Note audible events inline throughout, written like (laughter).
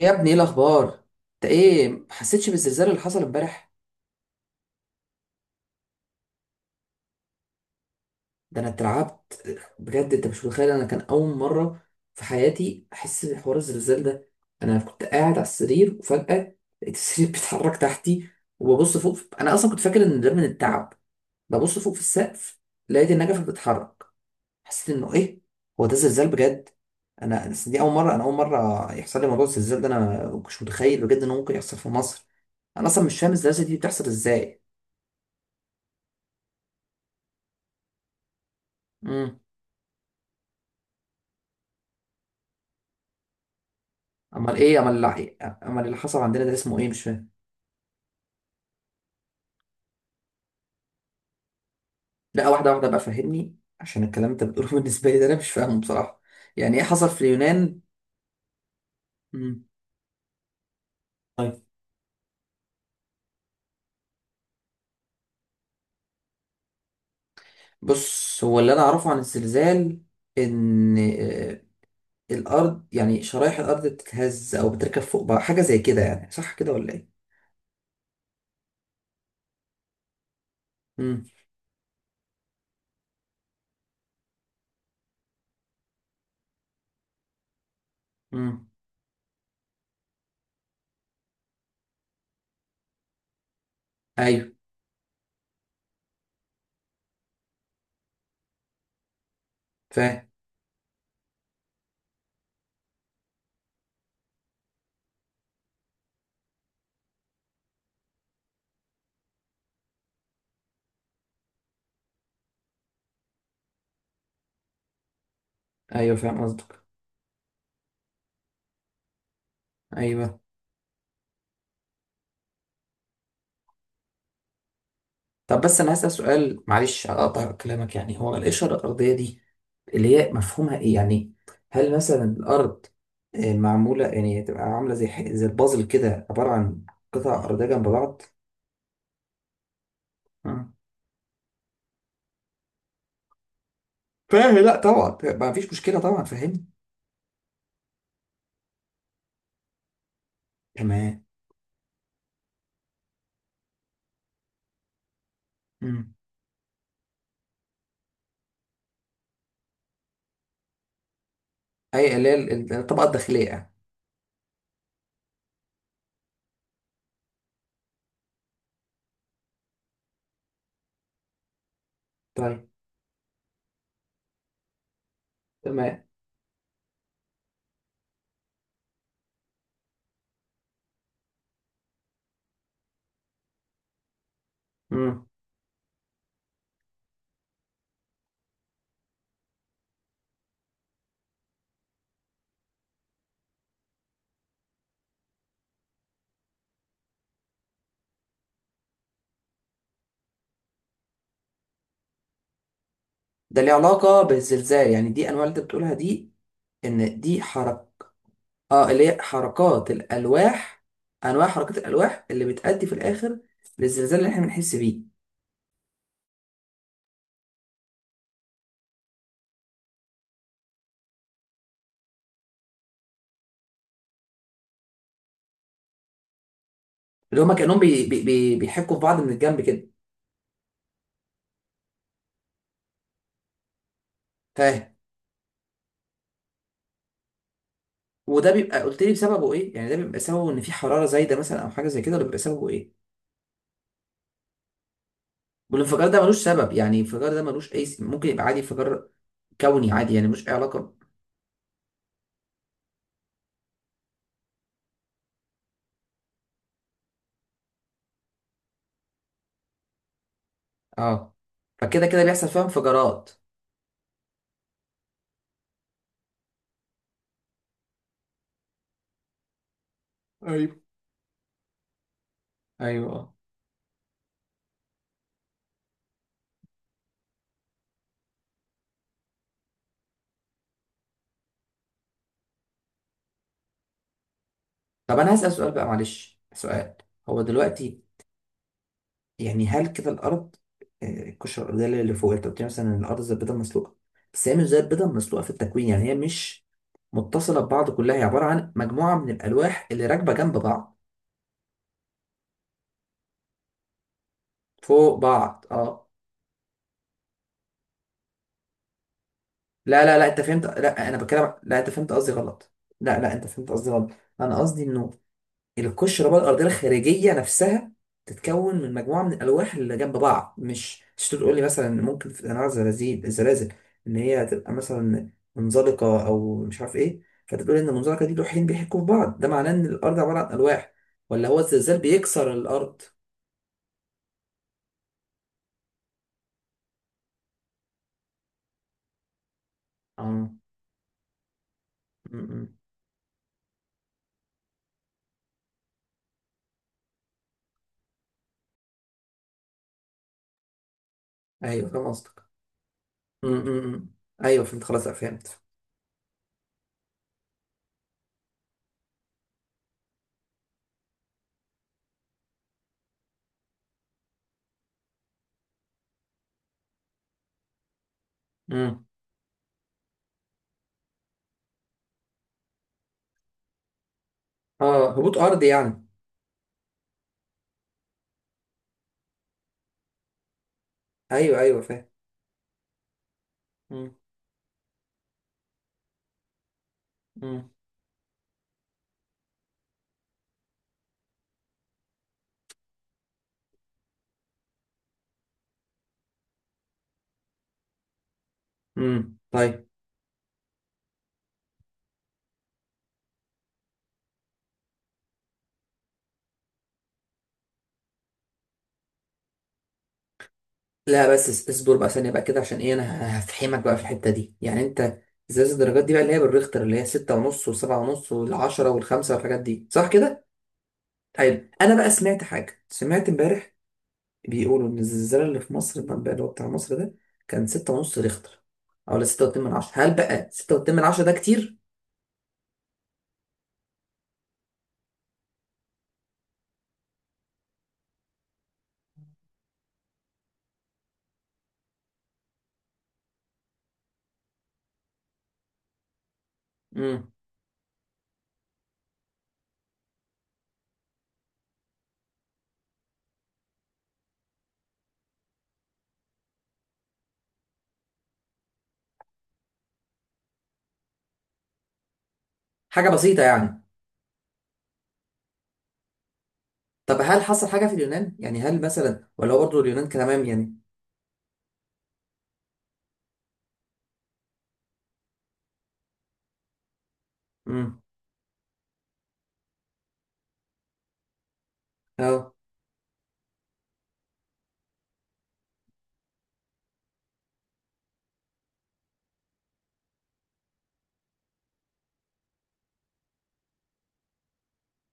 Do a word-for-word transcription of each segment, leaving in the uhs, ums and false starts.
يا ابني، ايه الاخبار؟ انت ايه، ما حسيتش بالزلزال اللي حصل امبارح؟ ده انا اترعبت بجد. انت مش متخيل، انا كان اول مره في حياتي احس بحوار الزلزال ده. انا كنت قاعد على السرير وفجاه لقيت السرير (laughs) بيتحرك تحتي، وببص فوق. انا اصلا كنت فاكر ان ده من التعب. ببص فوق في السقف، لقيت النجفه بتتحرك. حسيت انه ايه، هو ده زلزال بجد. انا أصل دي اول مره انا اول مره يحصل لي موضوع الزلزال ده. انا مش متخيل بجد انه ممكن يحصل في مصر. انا اصلا مش فاهم الزلازل دي بتحصل ازاي. امم امال ايه امال اللي امال اللي حصل عندنا ده اسمه ايه؟ مش فاهم. لا، واحده واحده بقى، فهمني عشان الكلام اللي انت بتقوله (laughs) بالنسبه لي ده انا مش فاهمه بصراحه. يعني ايه حصل في اليونان؟ مم. طيب، بص، هو اللي انا اعرفه عن الزلزال ان آه، الارض، يعني شرايح الارض بتتهز او بتركب فوق بعض، حاجه زي كده، يعني صح كده ولا ايه؟ امم امم ايوه، فاهم. ايوه، فاهم قصدك. ايوه. طب، بس انا هسأل سؤال معلش، هقطع كلامك. يعني هو القشرة الأرضية دي، اللي هي مفهومها ايه يعني؟ هل مثلا الأرض آه، معمولة، يعني تبقى عاملة زي ح- زي البازل كده، عبارة عن قطع أرضية جنب بعض؟ مم. فاهم، لا طبعا، ما فيش مشكلة طبعا، فاهمني. تمام. مم. أي اللي هي ال- ال- الطبقة الداخلية يعني؟ طيب. تمام. مم. ده ليه علاقة بالزلزال؟ يعني دي أنواع اللي أنت بتقولها دي. إن دي حركة، اه اللي هي حركات الالواح انواع حركات الالواح اللي بتأدي في الاخر للزلزال اللي احنا بنحس بيه. اللي هما كانهم بي بي بي بيحكوا في بعض من الجنب كده. فاهم. وده بيبقى، قلت لي بسببه ايه؟ يعني ده بيبقى سببه ان في حراره زايده مثلا، او حاجه زي كده، ولا بيبقى سببه ايه؟ والانفجار ده ملوش سبب؟ يعني الانفجار ده ملوش اي، س- ممكن يبقى عادي، انفجار كوني عادي، يعني ملوش اي علاقه. اه. فكده كده بيحصل فيها انفجارات. ايوه، ايوه. طب انا هسأل سؤال بقى معلش، سؤال. هو دلوقتي يعني، هل كده الأرض، آه، القشرة الأرضية اللي فوق، أنت قلت لي مثلا إن الأرض زي البيضة المسلوقة، بس هي مش زي البيضة المسلوقة في التكوين، يعني هي مش متصلة ببعض كلها، هي عبارة عن مجموعة من الألواح اللي راكبة جنب بعض، فوق بعض. اه. لا، لا، لا، أنت فهمت، لا، أنا بتكلم، لا، أنت فهمت قصدي غلط. لا، لا، أنت فهمت قصدي غلط. أنا قصدي إنه القشرة بقى الأرضية الخارجية نفسها تتكون من مجموعة من الألواح اللي جنب بعض، مش مش تقول لي مثلا ممكن في أنواع الزلازل الزلازل إن هي تبقى مثلا منزلقة أو مش عارف إيه؟ فتقول إن المنزلقة دي لوحين بيحكوا في بعض، ده معناه إن الأرض عبارة عن ألواح، ولا هو الزلزال بيكسر الأرض؟ آه. م- م. أيوه، فاهم قصدك. م- م- م. أيوه، فهمت خلاص. لأ، فهمت. م. آه، هبوط أرضي يعني. أيوه، أيوه، فاهم. م- م. م. طيب. لا بس اس- اصبر بقى ثانية بقى كده، عشان ايه انا هفحمك بقى في الحتة دي يعني انت. ازاز الدرجات دي بقى، اللي هي بالريختر، اللي هي ستة ونص وسبعة ونص والعشرة والخمسة والحاجات دي، صح كده؟ حلو، انا بقى سمعت حاجة، سمعت امبارح بيقولوا ان الزلزال اللي في مصر بقى، اللي هو بتاع مصر ده، كان ستة ونص ريختر. او لا، ستة واتنين من عشرة. هل بقى ستة واتنين من عشرة ده كتير؟ امم حاجة بسيطة يعني. طب هل حصل حاجة في اليونان؟ يعني هل مثلا، ولا هو برضه اليونان كان تمام يعني؟ امم اه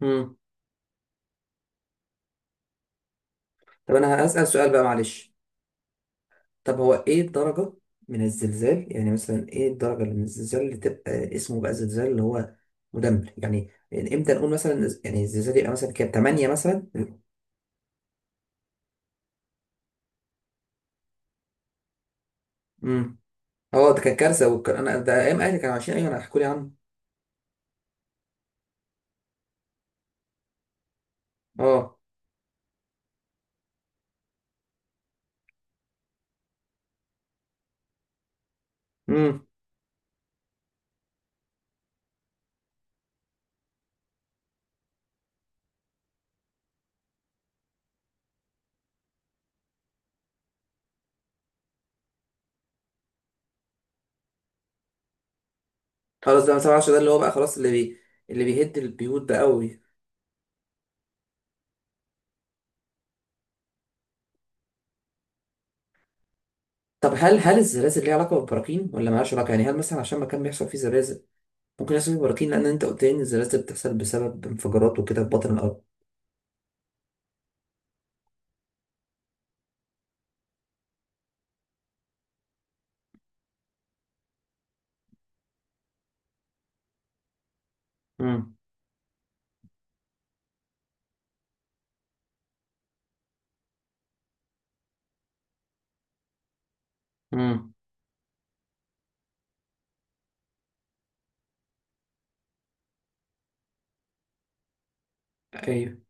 امم طب انا هسأل سؤال بقى معلش. طب هو ايه الدرجة من الزلزال؟ يعني مثلا ايه الدرجة اللي من الزلزال اللي تبقى اسمه بقى زلزال اللي هو مدمر؟ يعني يعني امتى نقول مثلا، ز- يعني الزلزال يبقى مثلا كام، تمانية مثلا؟ امم اه ده كان كارثة، والك- انا ده ايام اهلي كانوا عايشين، ايوه، انا هحكوا لي عنه. اه. امم خلاص، ده من سبعة عشرة، ده اللي هو بقى خلاص، اللي بي اللي بيهد البيوت بقى قوي. طب، هل هل الزلازل ليها علاقة بالبراكين، ولا مالهاش علاقة؟ يعني هل مثلا عشان مكان بيحصل فيه زلازل، ممكن يحصل فيه براكين؟ لان انت قلت لي ان الزلازل بتحصل بسبب انفجارات وكده في بطن الارض. امم امم ايوه،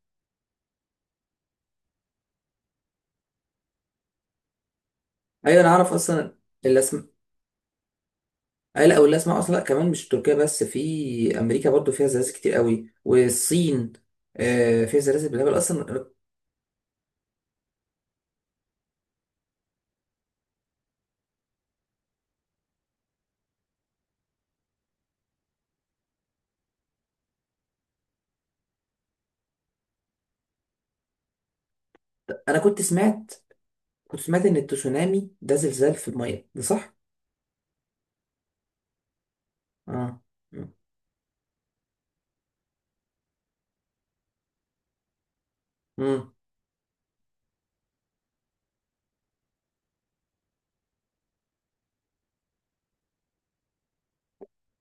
ايوه. انا اعرف اصلا الاسماء. أي لا، او الاسماء اصلا، لا كمان، مش تركيا بس، في امريكا برضو فيها زلازل كتير قوي، والصين آه، فيها زلازل بالهبل اصلا. انا كنت سمعت كنت سمعت ان التسونامي ده زلزال في الميه، ده صح؟ اه. امم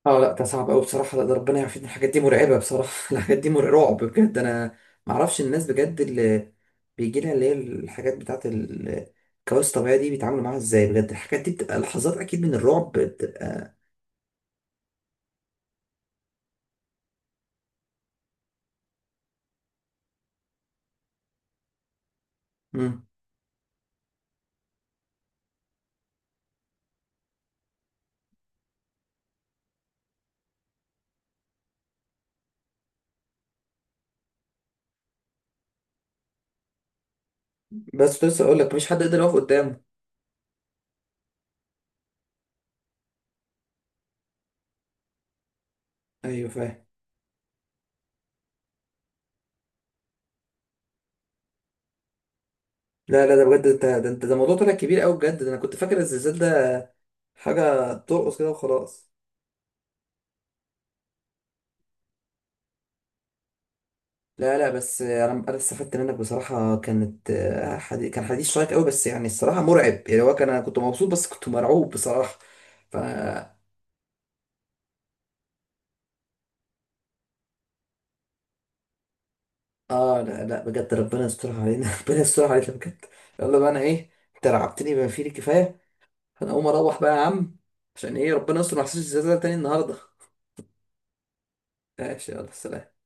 اه لا، ده صعب قوي بصراحه، لا، ده ربنا يعافينا، الحاجات دي مرعبه بصراحه (laughs) الحاجات دي مرعبة رعب بجد. انا ما اعرفش الناس بجد اللي بيجي لها، اللي هي الحاجات بتاعت الكوارث الطبيعيه دي، بيتعاملوا معاها ازاي بجد. الحاجات دي بتبقى لحظات اكيد من الرعب بتبقى. مم. بس كنت لسه اقول لك مفيش حد يقدر يقف قدامه. ايوه، فاهم. لا، لا، ده بجد، انت ده انت ده موضوع طلع كبير قوي بجد، ده انا كنت فاكر الزلزال ده حاجه ترقص كده وخلاص. لا، لا، بس انا انا استفدت منك بصراحه، كانت آه، حدي... كان حديث شيق قوي، بس يعني الصراحه مرعب، يعني هو كان، انا كنت مبسوط بس كنت مرعوب بصراحه. ف اه لا، لا، بجد ربنا يسترها علينا (laughs) ربنا يسترها علينا بجد. يلا بقى، انا ايه، انت رعبتني بما فيه الكفايه. انا اقوم اروح بقى يا عم، عشان ايه ربنا يستر ما احسش الزلزال تاني النهارده. ماشي، يلا سلام.